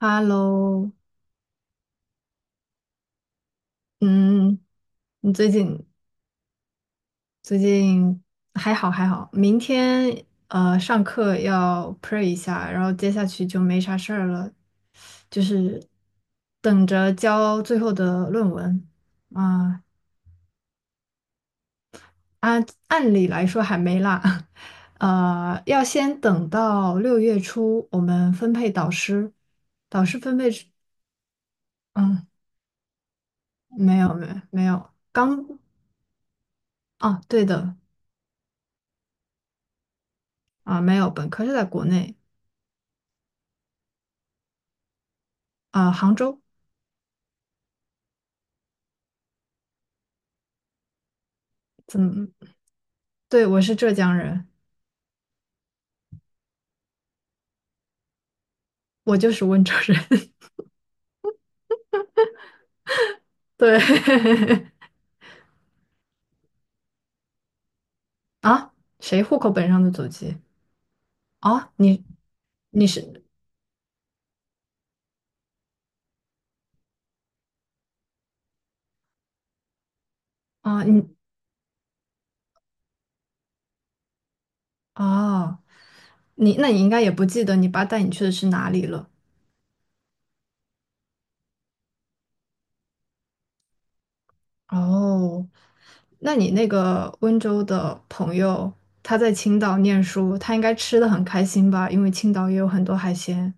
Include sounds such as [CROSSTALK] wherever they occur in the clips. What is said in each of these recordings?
Hello，嗯，你最近还好，明天上课要 pray 一下，然后接下去就没啥事儿了，就是等着交最后的论文啊。按理来说还没啦，[LAUGHS] 呃，要先等到六月初我们分配导师，导师分配是，嗯，没有，刚啊，对的。啊，没有，本科是在国内。啊，杭州。怎么？对，我是浙江人，我就是温州人。[LAUGHS] 对 [LAUGHS] 啊，谁户口本上的祖籍？啊，你你是啊，你啊，你那你应该也不记得你爸带你去的是哪里了。哦，那你那个温州的朋友，他在青岛念书，他应该吃的很开心吧？因为青岛也有很多海鲜。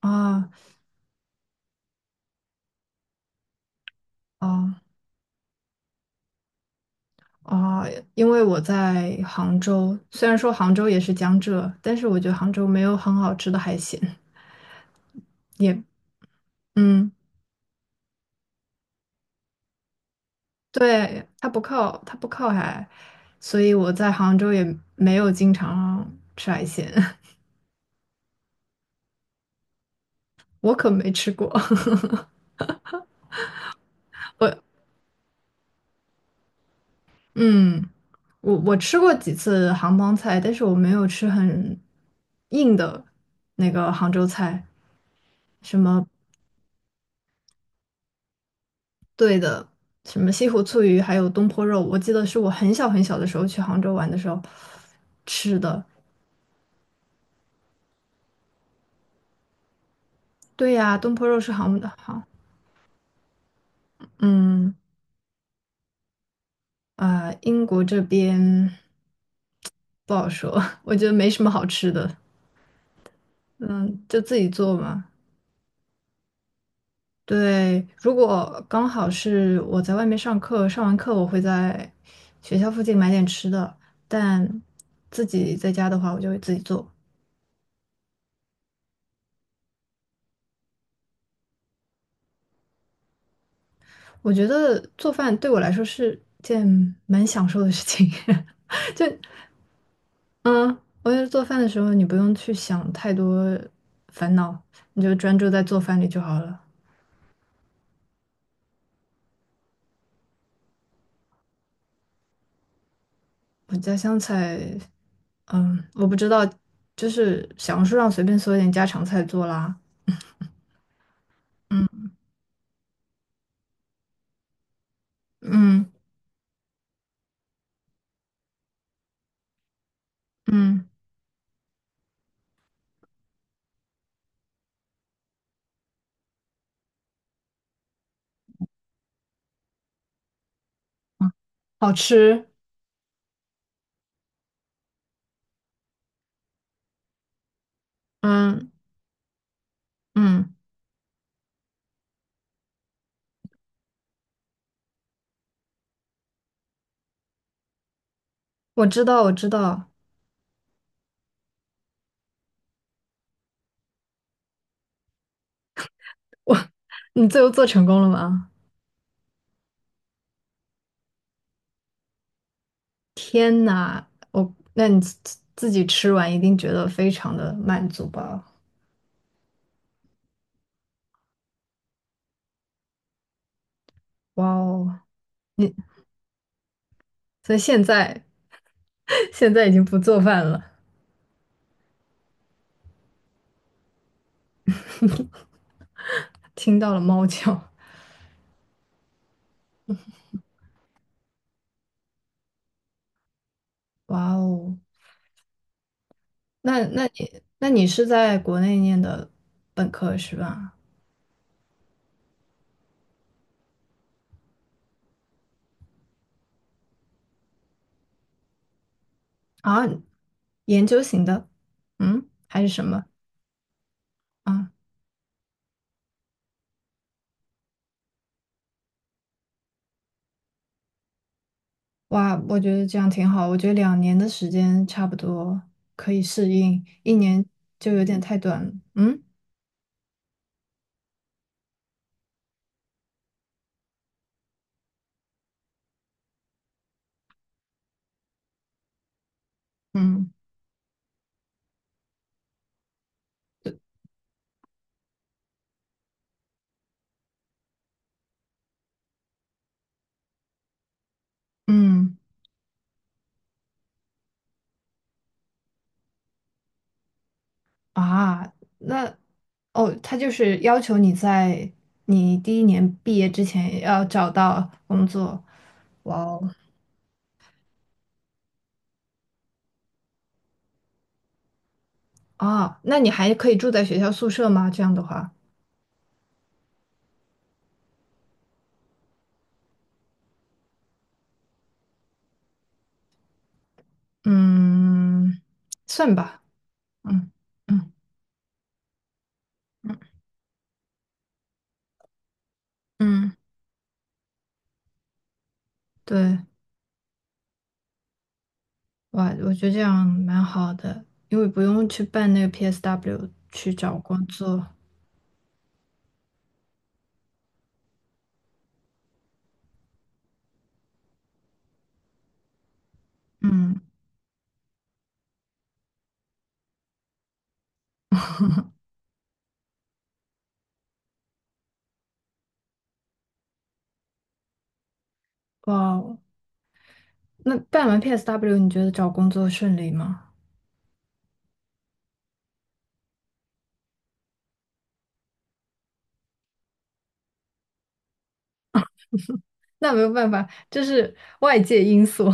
啊，哦，啊，因为我在杭州，虽然说杭州也是江浙，但是我觉得杭州没有很好吃的海鲜，也，嗯，对，它不靠海，所以我在杭州也没有经常吃海鲜。[LAUGHS] 我可没吃过。[LAUGHS] 我，嗯，我吃过几次杭帮菜，但是我没有吃很硬的那个杭州菜，什么什么西湖醋鱼，还有东坡肉，我记得是我很小的时候去杭州玩的时候吃的。对呀，东坡肉是杭的，杭，嗯，啊、英国这边不好说。[LAUGHS] 我觉得没什么好吃的，嗯，就自己做嘛。对，如果刚好是我在外面上课，上完课我会在学校附近买点吃的，但自己在家的话，我就会自己做。我觉得做饭对我来说是件蛮享受的事情。[LAUGHS] 就嗯，我觉得做饭的时候你不用去想太多烦恼，你就专注在做饭里就好了。我家乡菜，嗯，我不知道，就是小红书上随便搜一点家常菜做啦。嗯，嗯，好吃。嗯，嗯，我知道，我 [LAUGHS] 你最后做成功了吗？天呐，那你自自己吃完一定觉得非常的满足吧？哇哦，你所以现在 [LAUGHS] 现在已经不做饭了。听到了猫叫，哇哦！那你是在国内念的本科是吧？啊，研究型的，嗯，还是什么？啊？哇，我觉得这样挺好。我觉得两年的时间差不多可以适应，一年就有点太短了。嗯，嗯，嗯，啊，那哦，他就是要求你在你第一年毕业之前要找到工作。哇哦！哦，那你还可以住在学校宿舍吗？这样的话，嗯，算吧，嗯，嗯，嗯，对，哇，我觉得这样蛮好的，因为不用去办那个 PSW 去找工作。嗯，哇哦，那办完 PSW，你觉得找工作顺利吗？那没有办法，这是外界因素。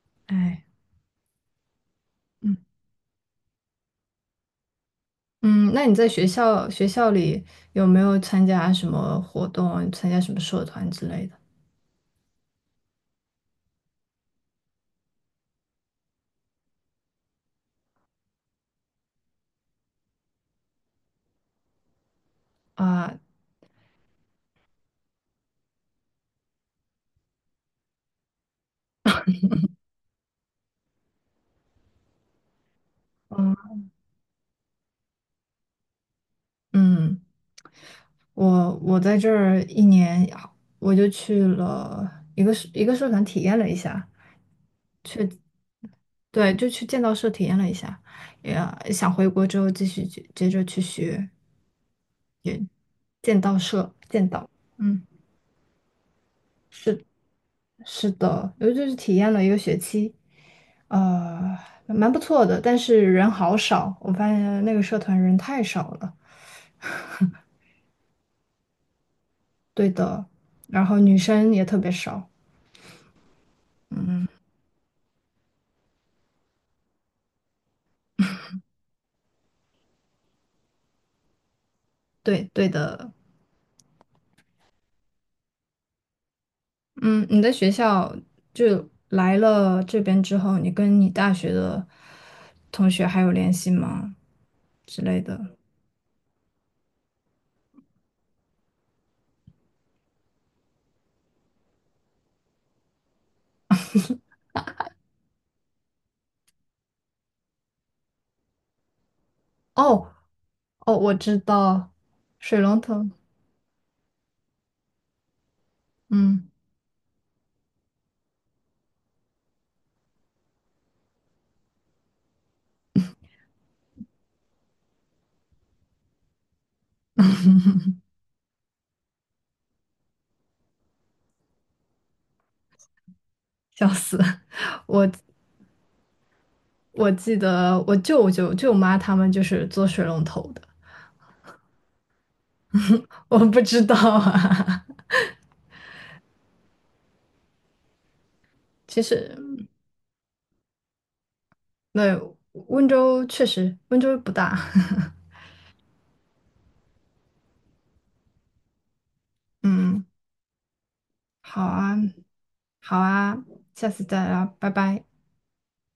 [LAUGHS] 哎，嗯，嗯，那你在学校里有没有参加什么活动，参加什么社团之类的？啊？嗯。嗯，我我在这儿一年，我就去了一个社团体验了一下，对，就去剑道社体验了一下，也想回国之后继续去接着去学剑道社剑道。嗯，是的，尤其是体验了一个学期，呃，蛮不错的，但是人好少，我发现那个社团人太少了。对的，然后女生也特别少。对，对的，嗯，你的学校就来了这边之后，你跟你大学的同学还有联系吗？之类的。哦，哦，我知道，水龙头。嗯，笑死！[LAUGHS] 我我记得我舅舅舅妈他们就是做水龙头的，我不知道啊。[LAUGHS] 其实，对，温州确实不大。[LAUGHS] 嗯，好啊，好啊，下次再聊，拜拜。